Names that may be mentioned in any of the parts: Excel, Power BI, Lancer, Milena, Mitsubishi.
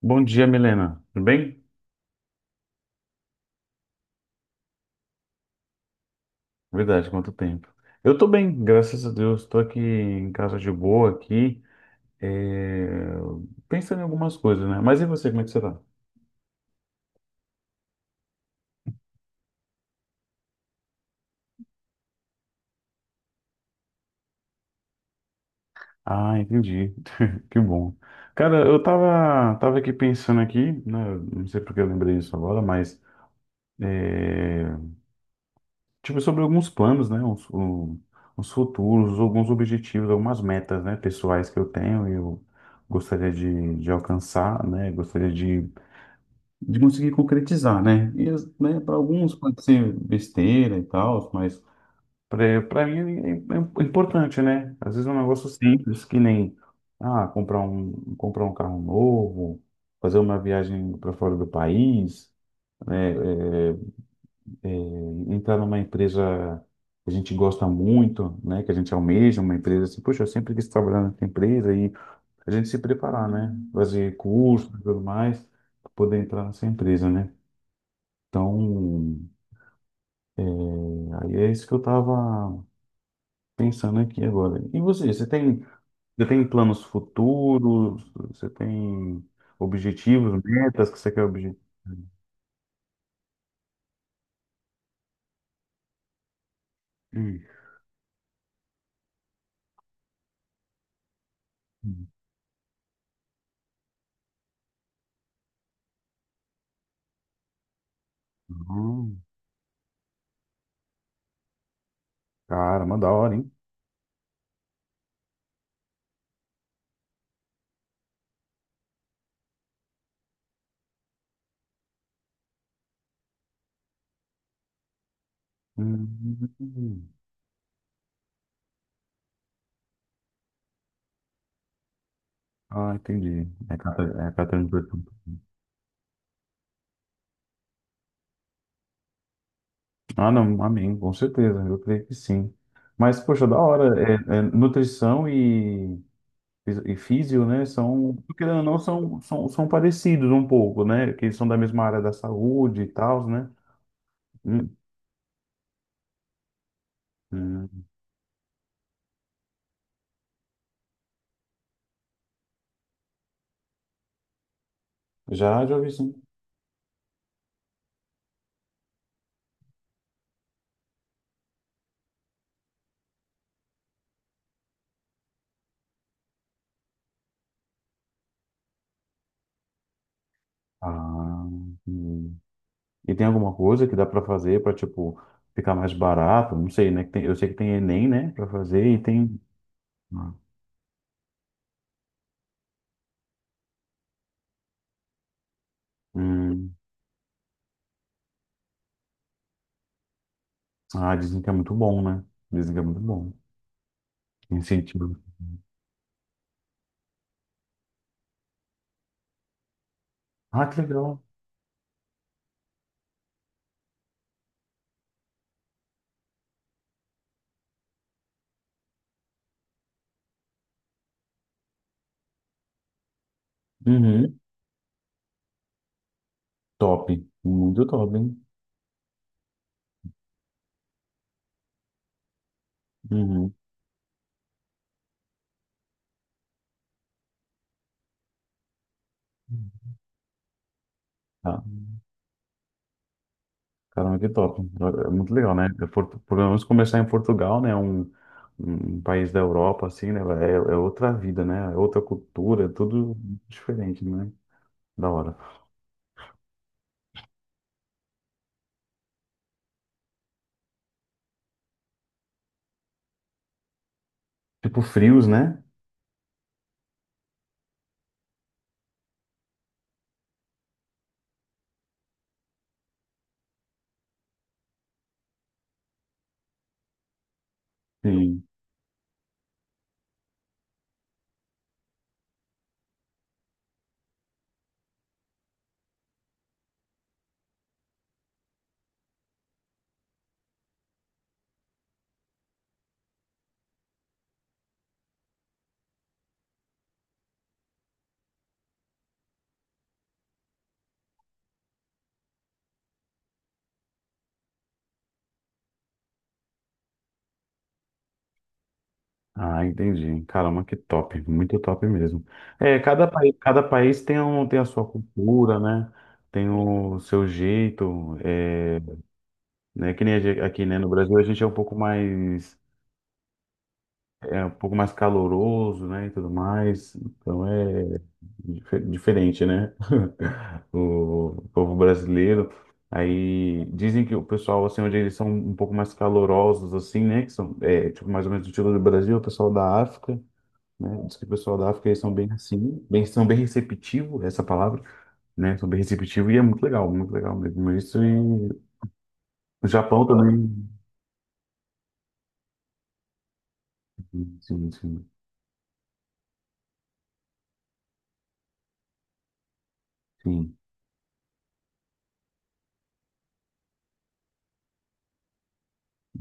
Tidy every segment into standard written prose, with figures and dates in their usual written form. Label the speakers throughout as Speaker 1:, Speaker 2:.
Speaker 1: Bom dia, Milena. Tudo bem? Verdade, quanto tempo. Eu tô bem, graças a Deus. Tô aqui em casa de boa aqui, é, pensando em algumas coisas, né? Mas e você, como é que você tá? Ah, entendi. Que bom. Cara, eu tava aqui pensando aqui, né? Não sei porque eu lembrei disso agora, mas é, tipo sobre alguns planos, né? Uns futuros, alguns objetivos, algumas metas, né? Pessoais que eu tenho e eu gostaria de alcançar, né? Gostaria de conseguir concretizar, né? E, né, para alguns pode ser besteira e tal, mas para mim é importante, né? Às vezes é um negócio simples, que nem ah, comprar um carro novo, fazer uma viagem para fora do país, né? É, entrar numa empresa que a gente gosta muito, né? Que a gente almeja, uma empresa assim, poxa, eu sempre quis trabalhar nessa empresa e a gente se preparar, né? Fazer curso e tudo mais, para poder entrar nessa empresa, né? Então, aí é isso que eu tava pensando aqui agora. E você, você tem planos futuros? Você tem objetivos, metas que você quer objetivos? Hum. Caramba, da hora, hein? Hum. Ah, entendi. É catarina de perfume. Ah, não, amém, com certeza, eu creio que sim. Mas, poxa, da hora, é, é nutrição e físio, né, são, querendo ou não, são parecidos um pouco, né, que eles são da mesma área da saúde e tal, né? Hum, hum. Já, já ouvi sim. Ah, hum. E tem alguma coisa que dá para fazer para, tipo, ficar mais barato? Não sei, né? Eu sei que tem Enem, né, para fazer e tem... Ah, hum. Ah, dizem que é muito bom, né? Dizem que é muito bom. Incentivo. Ah, que legal. Uhum. Top. Muito top, hein? Uhum. Tá. Caramba, que top. É muito legal, né? Pelo menos começar em Portugal, né? Um país da Europa, assim, né? É, é outra vida, né? É outra cultura, é tudo diferente, né? Da hora. Tipo, frios, né? Sim. Ah, entendi. Caramba, que top. Muito top mesmo. É, cada país tem, tem a sua cultura, né? Tem o seu jeito, é, né? Que nem aqui, né? No Brasil, a gente é um pouco mais, é um pouco mais caloroso, né? E tudo mais. Então, é. Diferente, né? O povo brasileiro. Aí dizem que o pessoal, assim, onde eles são um pouco mais calorosos, assim, né? Que são, é, tipo, mais ou menos do estilo do Brasil, o pessoal da África, né? Diz que o pessoal da África, eles são bem assim, bem, são bem receptivos, essa palavra, né? São bem receptivos e é muito legal mesmo. Isso e o Japão também. Sim, sim, sim.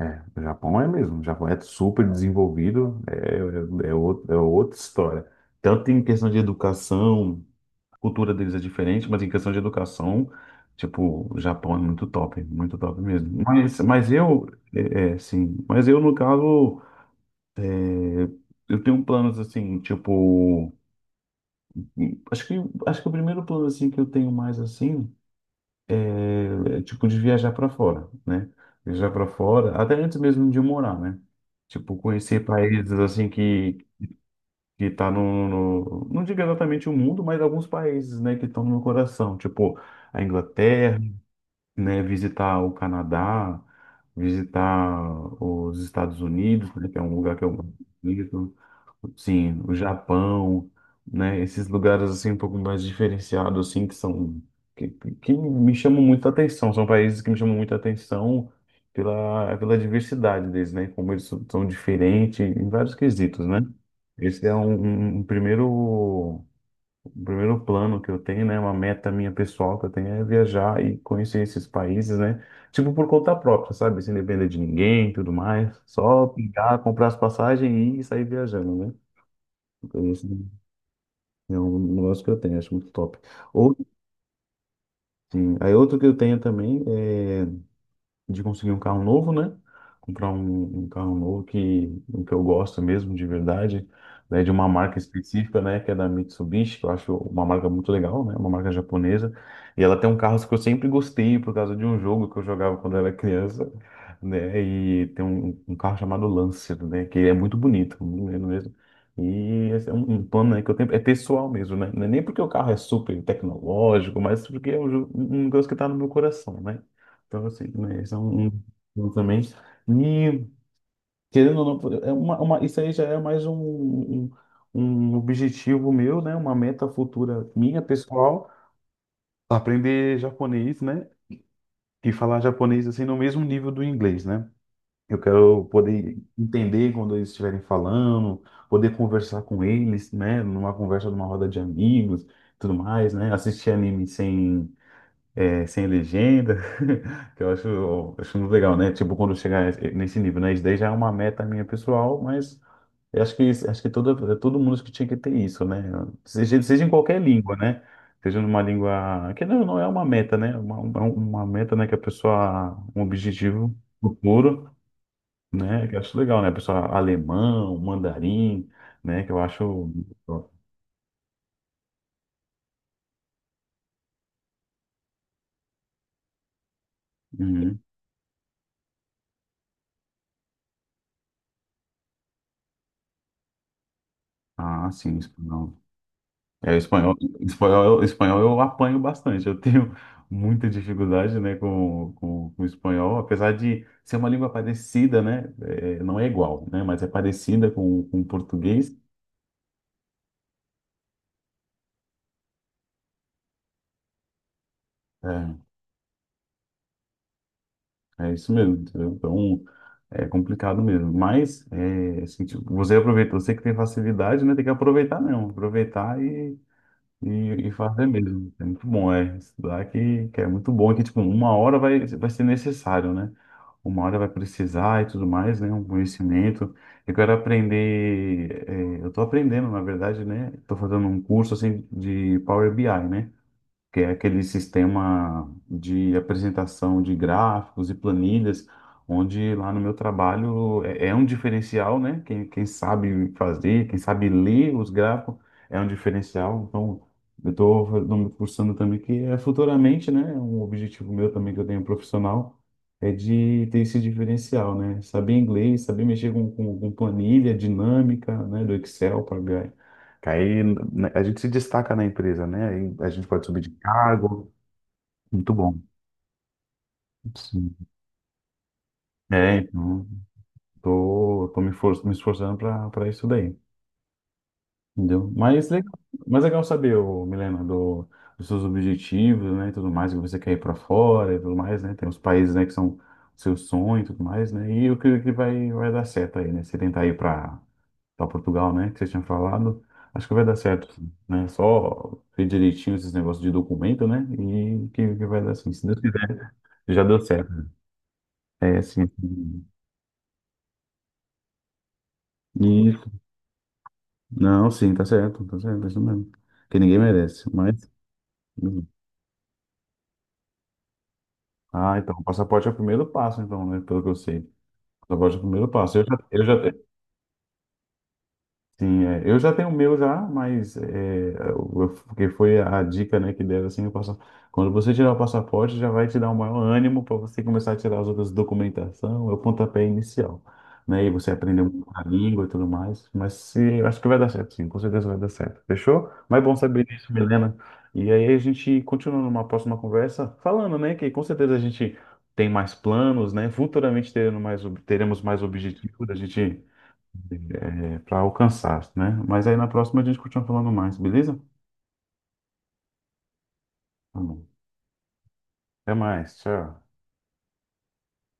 Speaker 1: É, o Japão é mesmo, o Japão é super desenvolvido, é outra história. Tanto em questão de educação, a cultura deles é diferente, mas em questão de educação, tipo, o Japão é muito top mesmo. Sim, mas eu, no caso, é, eu tenho planos assim, tipo, acho que, acho que o primeiro plano assim que eu tenho mais assim. É tipo de viajar para fora, né? Viajar para fora, até antes mesmo de eu morar, né? Tipo, conhecer países assim que que tá no, não digo exatamente o mundo, mas alguns países, né, que estão no meu coração, tipo a Inglaterra, né, visitar o Canadá, visitar os Estados Unidos, né, que é um lugar que eu gosto muito, sim, o Japão, né, esses lugares assim um pouco mais diferenciados assim que são que, que me chamam muita atenção, são países que me chamam muita atenção pela pela diversidade deles, né, como eles são, são diferentes em vários quesitos, né? Esse é um, um um primeiro o primeiro plano que eu tenho, né, uma meta minha pessoal que eu tenho é viajar e conhecer esses países, né? Tipo por conta própria, sabe? Sem depender de ninguém, e tudo mais. Só pegar, comprar as passagens e ir sair viajando, né? Então, esse é um negócio que eu tenho, acho muito top. Outro, sim. Aí outro que eu tenho também é de conseguir um carro novo, né? Comprar um carro novo que eu gosto mesmo, de verdade, né? De uma marca específica, né? Que é da Mitsubishi, que eu acho uma marca muito legal, né? Uma marca japonesa. E ela tem um carro que eu sempre gostei por causa de um jogo que eu jogava quando era criança, né? E tem um carro chamado Lancer, né? Que é muito bonito, muito lindo mesmo. E esse é um plano né, que eu tenho, é pessoal mesmo, né? Não é nem porque o carro é super tecnológico, mas porque é um negócio que tá no meu coração, né? Pra você, né? Isso é um um também. E, querendo ou não, é isso aí já é mais um objetivo meu, né? Uma meta futura minha, pessoal, aprender japonês, né? E falar japonês assim no mesmo nível do inglês, né? Eu quero poder entender quando eles estiverem falando, poder conversar com eles, né? Numa conversa, numa roda de amigos, tudo mais, né? Assistir anime sem sem legenda, que eu acho muito legal, né? Tipo, quando chegar nesse nível, né? Isso daí já é uma meta minha pessoal, mas eu acho que, acho que todo mundo que tinha que ter isso, né? Seja em qualquer língua, né? Seja numa língua, que não é uma meta, né? Uma meta, né? Que a pessoa, um objetivo futuro, né? Que eu acho legal, né? A pessoa alemão, mandarim, né? Que eu acho... Uhum. Ah, sim, espanhol. É, o espanhol, espanhol eu apanho bastante. Eu tenho muita dificuldade, né, com o espanhol, apesar de ser uma língua parecida, né? é, não é igual, né? Mas é parecida com o português. É, é isso mesmo. Entendeu? Então é complicado mesmo. Mas é, assim, tipo, você aproveita, você que tem facilidade, né? Tem que aproveitar mesmo, aproveitar e, e fazer mesmo. É muito bom, é estudar que é muito bom, que tipo uma hora vai ser necessário, né? uma hora vai precisar e tudo mais, né? Um conhecimento. Eu quero aprender, eh, eu estou aprendendo, na verdade, né? Estou fazendo um curso assim de Power BI, né? que é aquele sistema de apresentação de gráficos e planilhas, onde lá no meu trabalho é um diferencial, né? Quem sabe fazer, quem sabe ler os gráficos é um diferencial. Então, eu estou me cursando também, que é futuramente, né? Um objetivo meu também que eu tenho profissional. É de ter esse diferencial, né? Saber inglês, saber mexer com, com planilha dinâmica, né? Do Excel para que aí né, a gente se destaca na empresa, né? Aí a gente pode subir de cargo. Muito bom. Sim. É, então, me esforçando para para isso daí. Entendeu? Mas legal saber, ô, Milena, do, dos seus objetivos, né? e tudo mais, que você quer ir para fora e tudo mais, né? Tem os países, né, que são seu sonho e tudo mais, né? E o que, vai dar certo aí, né? Você tentar ir para para Portugal, né? Que você tinha falado. Acho que vai dar certo, né? Só ver direitinho esses negócios de documento, né? E que vai dar assim. Se Deus quiser, já deu certo. É, sim. Isso. Não, sim, tá certo, é isso mesmo. Que ninguém merece, mas. hum. Ah, então, o passaporte é o primeiro passo, então, né? Pelo que eu sei. O passaporte é o primeiro passo. Sim, é. Eu já tenho o meu já, mas é, porque foi a dica, né, que deram assim, quando você tirar o passaporte, já vai te dar um maior ânimo para você começar a tirar as outras documentação, é o pontapé inicial, né? E você aprender um pouco a língua e tudo mais. Mas se, eu acho que vai dar certo, sim, com certeza vai dar certo. Fechou? Mas é bom saber disso, Milena. E aí a gente continua numa próxima conversa falando, né, que com certeza a gente tem mais planos, né? Futuramente teremos mais, teremos mais objetivos, a gente para alcançar, né? Mas aí na próxima a gente continua falando mais, beleza? Tá bom. Até mais, tchau.